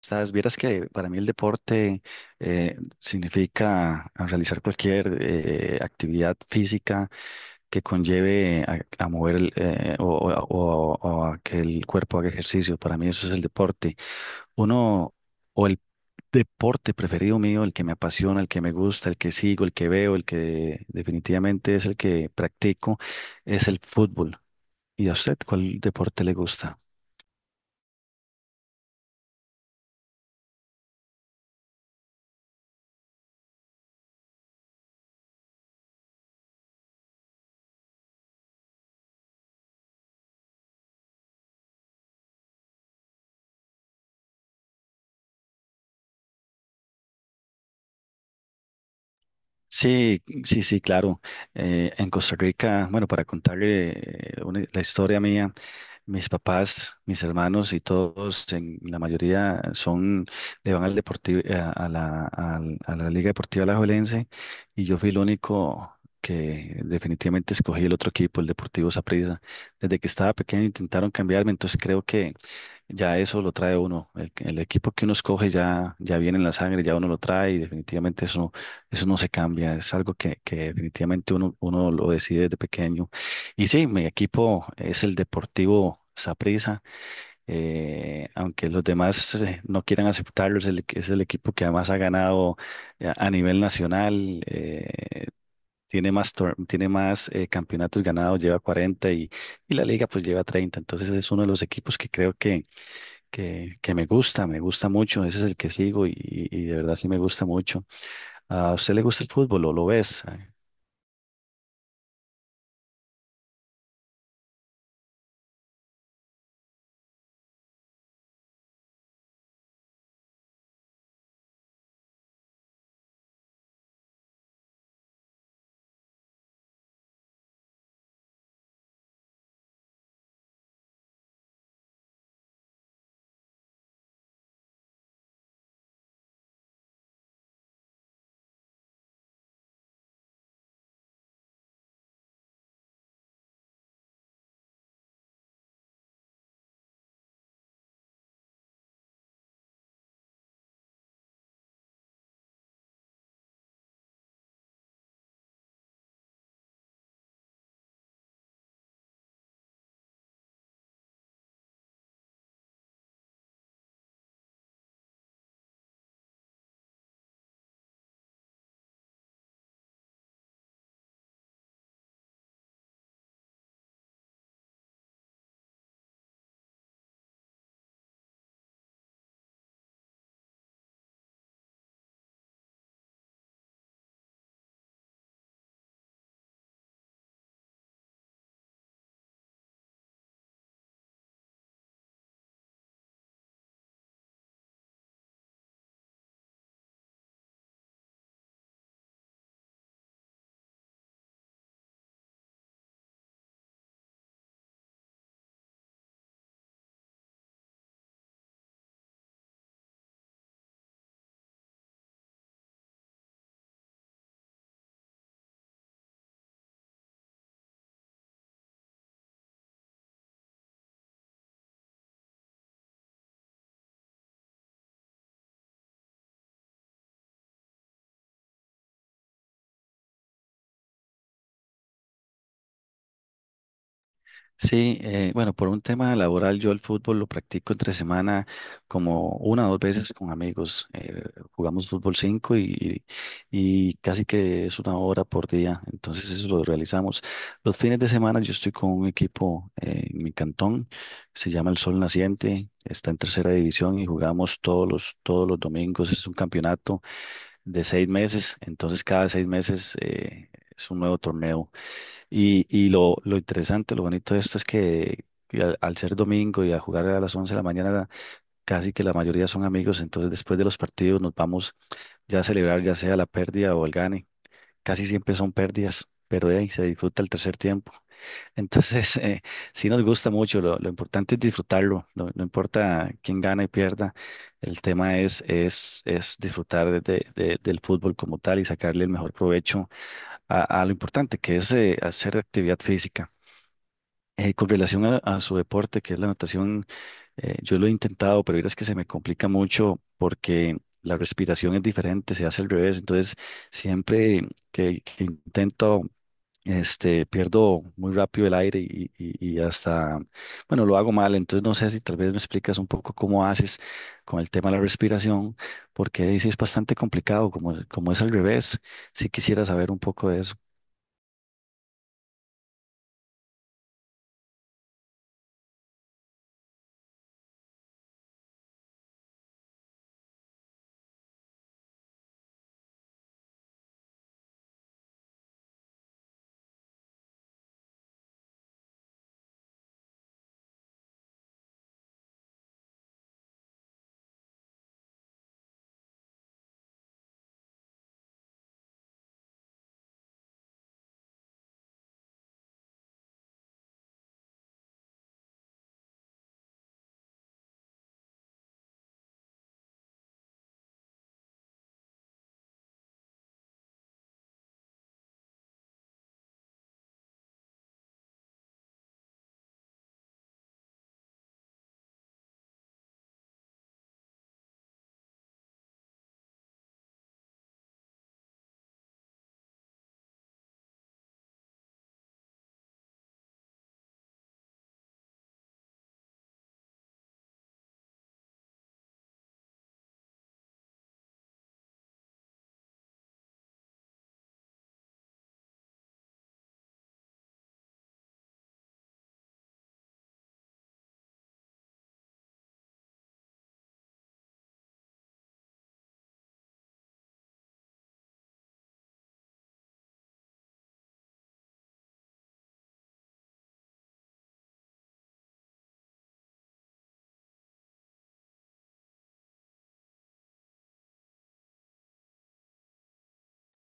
Sabes, vieras que para mí el deporte significa a realizar cualquier actividad física que conlleve a mover el, o a que el cuerpo haga ejercicio. Para mí eso es el deporte. Uno, o el deporte preferido mío, el que me apasiona, el que me gusta, el que sigo, el que veo, el que definitivamente es el que practico, es el fútbol. ¿Y a usted cuál deporte le gusta? Sí, sí, sí, claro. En Costa Rica, bueno, para contarle la historia mía, mis papás, mis hermanos y todos, en la mayoría le van al deportivo, a la, al- a la Liga Deportiva Alajuelense, y yo fui el único que definitivamente escogí el otro equipo, el Deportivo Saprissa. Desde que estaba pequeño intentaron cambiarme, entonces creo que ya eso lo trae uno. El equipo que uno escoge ya viene en la sangre, ya uno lo trae, y definitivamente eso no se cambia, es algo que definitivamente uno lo decide desde pequeño. Y sí, mi equipo es el Deportivo Saprissa, aunque los demás no quieran aceptarlo, es el equipo que además ha ganado a nivel nacional. Eh, tiene más, tor- tiene más campeonatos ganados, lleva 40 y la liga pues lleva 30. Entonces es uno de los equipos que creo que me gusta mucho, ese es el que sigo y de verdad sí me gusta mucho. ¿A usted le gusta el fútbol o lo ves? Sí, bueno, por un tema laboral yo el fútbol lo practico entre semana como una o dos veces con amigos. Jugamos fútbol 5 y casi que es una hora por día, entonces eso lo realizamos. Los fines de semana yo estoy con un equipo en mi cantón, se llama El Sol Naciente, está en tercera división y jugamos todos los domingos. Es un campeonato de 6 meses, entonces cada 6 meses es un nuevo torneo. Y lo interesante, lo bonito de esto es que al ser domingo y a jugar a las 11 de la mañana, casi que la mayoría son amigos, entonces después de los partidos nos vamos ya a celebrar ya sea la pérdida o el gane. Casi siempre son pérdidas, pero ahí se disfruta el tercer tiempo. Entonces, sí nos gusta mucho, lo importante es disfrutarlo, no, no importa quién gana y pierda, el tema es disfrutar del fútbol como tal y sacarle el mejor provecho a lo importante que es hacer actividad física. Con relación a su deporte, que es la natación, yo lo he intentado, pero es que se me complica mucho porque la respiración es diferente, se hace al revés. Entonces, siempre que intento, pierdo muy rápido el aire y hasta, bueno, lo hago mal. Entonces, no sé si tal vez me explicas un poco cómo haces con el tema de la respiración, porque ahí sí es bastante complicado, como es al revés. Sí quisiera saber un poco de eso.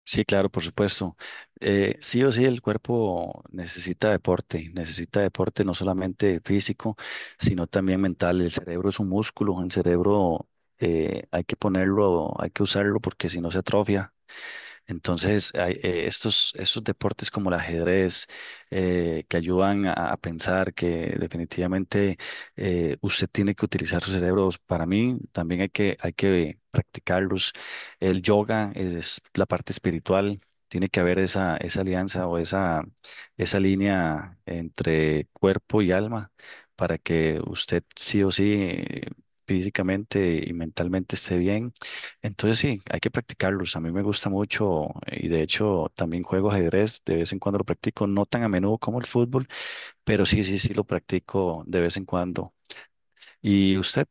Sí, claro, por supuesto. Sí o sí, el cuerpo necesita deporte no solamente físico, sino también mental. El cerebro es un músculo. El cerebro hay que ponerlo, hay que usarlo porque si no se atrofia. Entonces, estos deportes como el ajedrez, que ayudan a pensar que definitivamente usted tiene que utilizar su cerebro. Para mí también hay que practicarlos. El yoga es la parte espiritual. Tiene que haber esa alianza o esa línea entre cuerpo y alma para que usted sí o sí físicamente y mentalmente esté bien. Entonces sí, hay que practicarlos. A mí me gusta mucho y de hecho también juego ajedrez, de vez en cuando lo practico, no tan a menudo como el fútbol, pero sí, sí, sí lo practico de vez en cuando. ¿Y usted?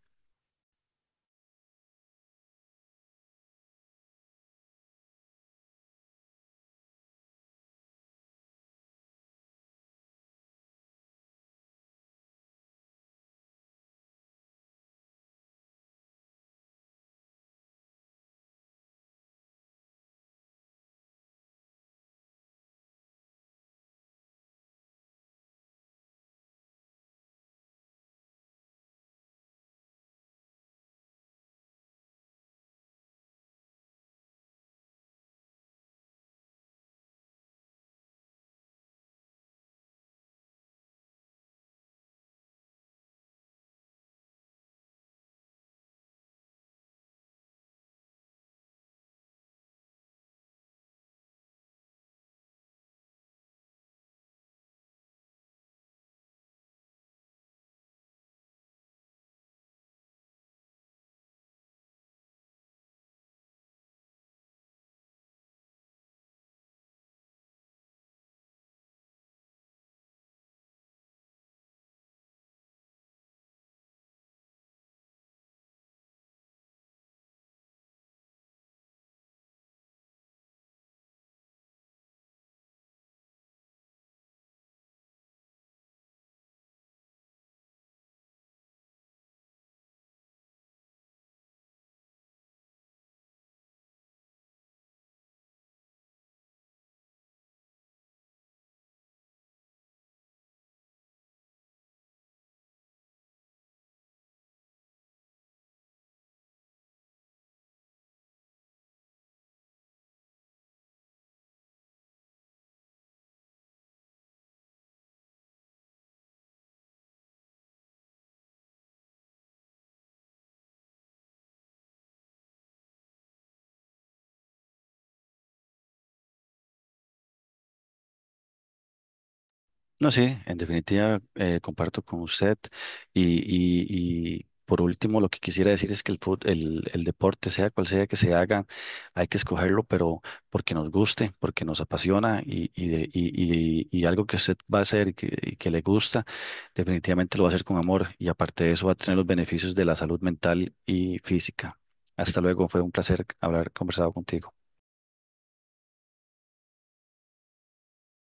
No, sí, en definitiva comparto con usted y por último lo que quisiera decir es que el deporte, sea cual sea que se haga, hay que escogerlo, pero porque nos guste, porque nos apasiona y algo que usted va a hacer y que le gusta, definitivamente lo va a hacer con amor y aparte de eso va a tener los beneficios de la salud mental y física. Hasta luego, fue un placer haber conversado contigo.